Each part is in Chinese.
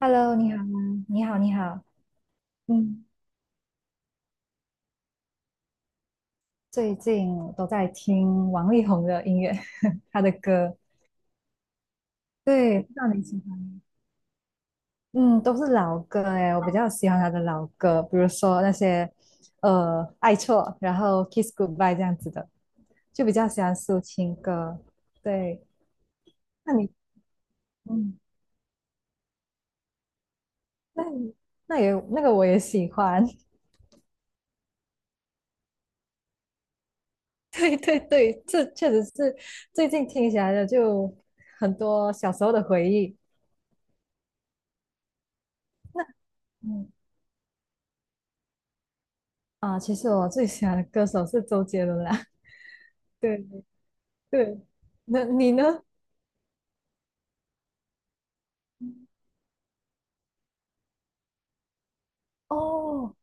Hello，你好吗你好，你好。嗯，最近我都在听王力宏的音乐，他的歌。对，不知道你喜欢？嗯，都是老歌诶，我比较喜欢他的老歌，比如说那些《爱错》，然后《Kiss Goodbye》这样子的，就比较喜欢抒情歌。对，那你，嗯，那你那也那个我也喜欢。对对对，这确实是最近听起来的就很多小时候的回忆。嗯。啊，其实我最喜欢的歌手是周杰伦啦。对对，那你呢？哦，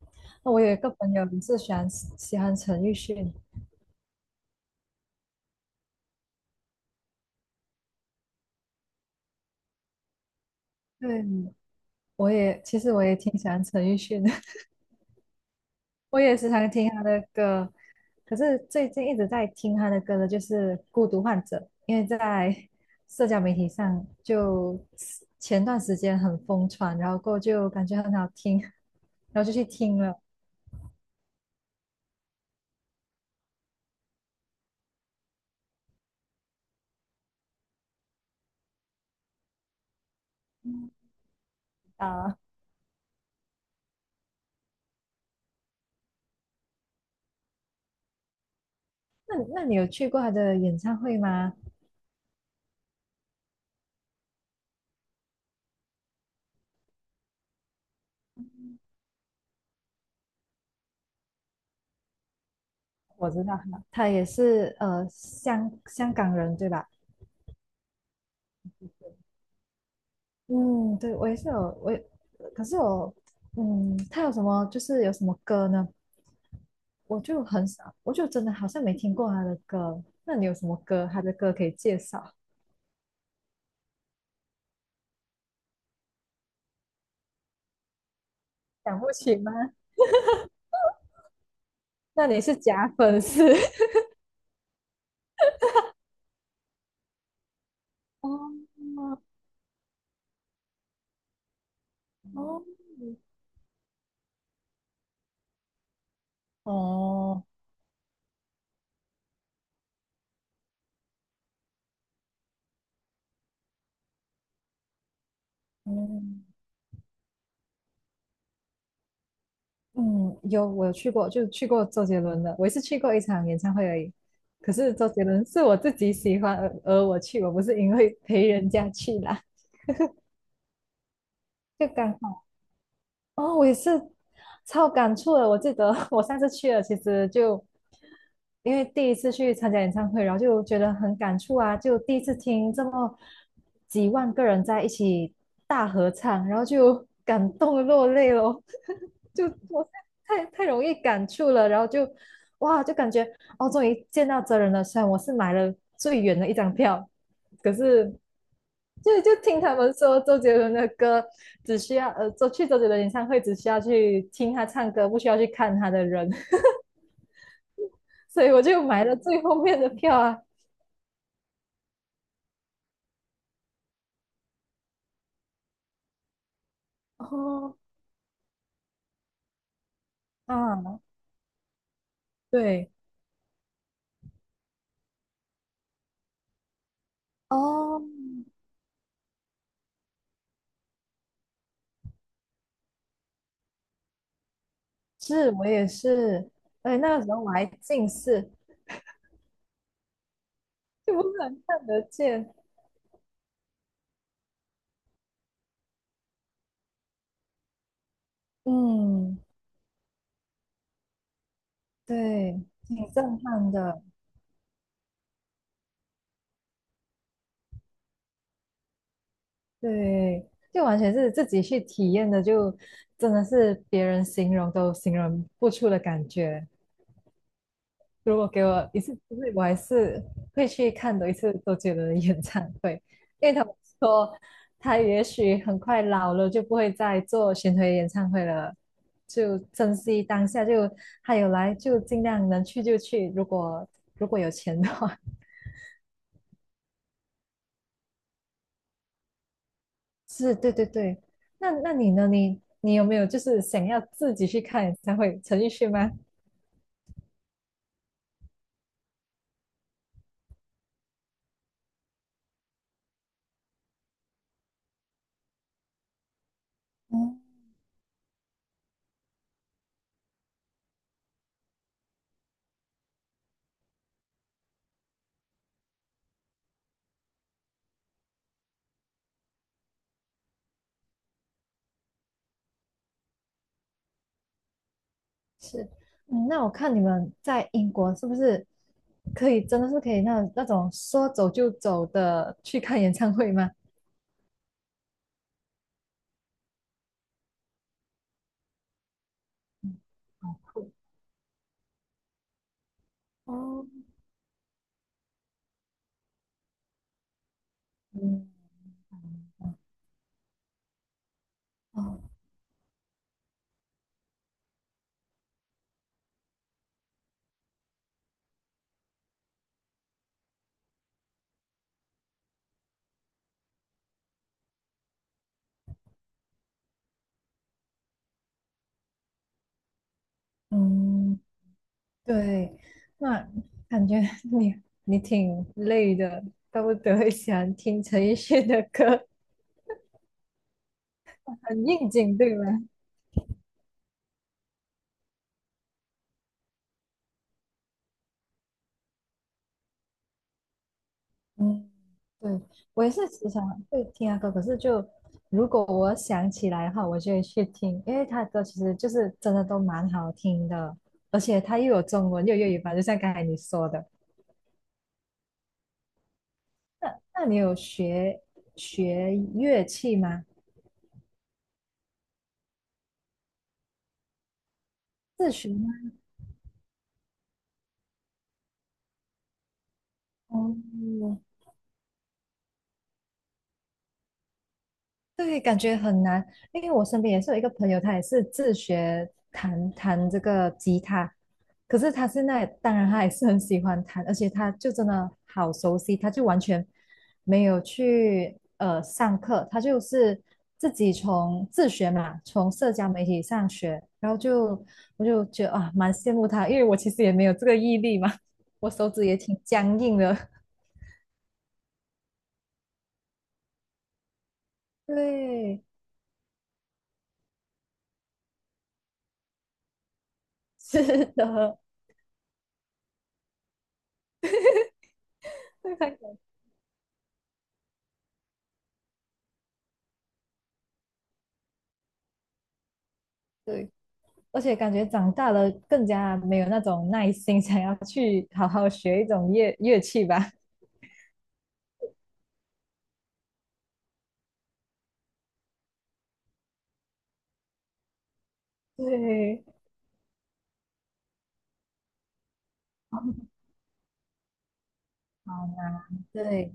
我有一个朋友也是喜欢陈奕迅。对，其实我也挺喜欢陈奕迅的，我也时常听他的歌。可是最近一直在听他的歌的就是《孤独患者》，因为在社交媒体上就前段时间很疯传，然后过后就感觉很好听，然后就去听了啊。那你有去过他的演唱会吗？我知道他，他也是呃香港人对吧？嗯，对，我也是有我也，可是我嗯，他有什么就是有什么歌呢？我就很少，我就真的好像没听过他的歌。那你有什么歌？他的歌可以介绍？想不起吗？那你是假粉丝。 哦哦哦，嗯嗯，有我有去过，就去过周杰伦的，我也是去过一场演唱会而已。可是周杰伦是我自己喜欢而我去，我不是因为陪人家去啦。就刚哦，我也是超感触的。我记得 我上次去了，其实就因为第一次去参加演唱会，然后就觉得很感触啊，就第一次听这么几万个人在一起大合唱，然后就 感动落泪咯。就我太容易感触了，然后就哇，就感觉哦，终于见到真人了。虽然我是买了最远的一张票，可是就听他们说周杰伦的歌，只需要去周杰伦演唱会只需要去听他唱歌，不需要去看他的人，所以我就买了最后面的票啊。哦，啊，对，哦，是我也是，而且那个时候我还近视，就不是很看得见。嗯，对，挺震撼的，对，就完全是自己去体验的，就真的是别人形容都形容不出的感觉。如果给我一次机会，我还是会去看多一次周杰伦的演唱会，因为他们说他也许很快老了，就不会再做巡回演唱会了，就珍惜当下，就他有来就尽量能去就去，如果有钱的话，是对对对。那你呢？你你有没有就是想要自己去看演唱会？陈奕迅吗？嗯。是，嗯，那我看你们在英国是不是可以真的是可以那种说走就走的去看演唱会吗？哦，嗯，哦，嗯，对，那感觉你你挺累的，都不得会喜欢听陈奕迅的歌，很应景，对吗？嗯，对，我也是时常会听他歌，可是就如果我想起来的话，我就会去听，因为他的歌其实就是真的都蛮好听的，而且他又有中文又有粤语版，就像刚才你说的。那那你有学学乐器吗？自学吗？哦，对，感觉很难，因为我身边也是有一个朋友，他也是自学弹这个吉他，可是他现在当然他也是很喜欢弹，而且他就真的好熟悉，他就完全没有去上课，他就是自己从自学嘛，从社交媒体上学，然后就我就觉得啊蛮羡慕他，因为我其实也没有这个毅力嘛，我手指也挺僵硬的，对，是的，对。而且感觉长大了更加没有那种耐心，想要去好好学一种乐乐器吧。对，好难，对，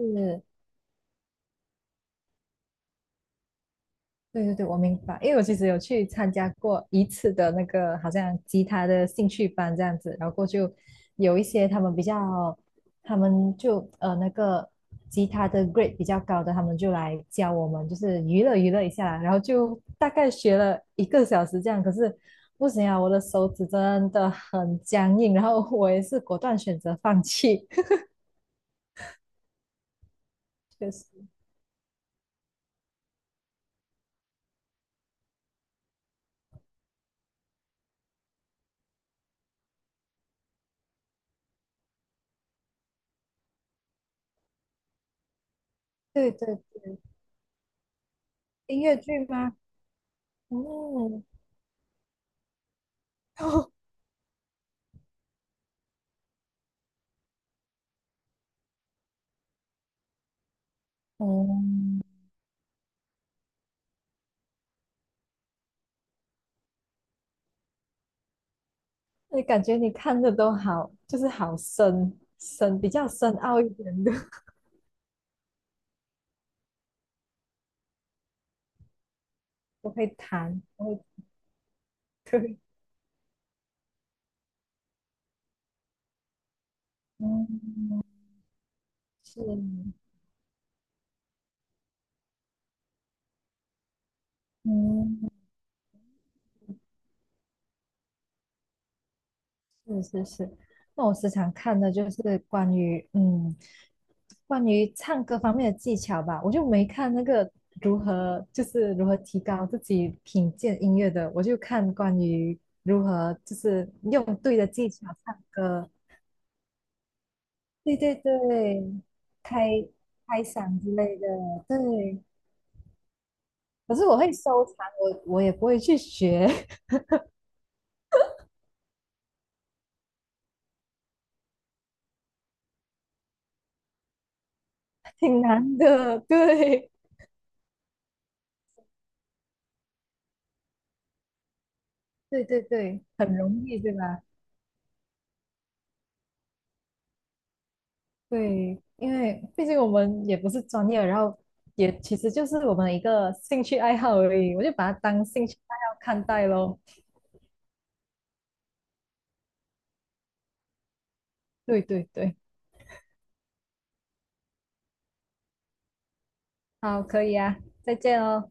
是。对对对，我明白，因为我其实有去参加过一次的那个好像吉他的兴趣班这样子，然后过就有一些他们比较，他们就那个吉他的 grade 比较高的，他们就来教我们，就是娱乐娱乐一下，然后就大概学了一个小时这样，可是不行啊，我的手指真的很僵硬，然后我也是果断选择放弃。确实，对对对，音乐剧吗？嗯，哦。那感觉你看的都好，就是好深深，比较深奥一点的，我会谈，我会对，嗯，是，嗯，是是是。那我时常看的就是关于嗯，关于唱歌方面的技巧吧，我就没看那个如何就是如何提高自己品鉴音乐的，我就看关于如何就是用对的技巧唱歌，对对对，开开嗓之类的，对。可是我会收藏，我也不会去学，挺难的。对，对对对，很容易，对吧？对，因为毕竟我们也不是专业，然后也其实就是我们一个兴趣爱好而已，我就把它当兴趣爱好看待咯。对对对，好，可以啊，再见哦。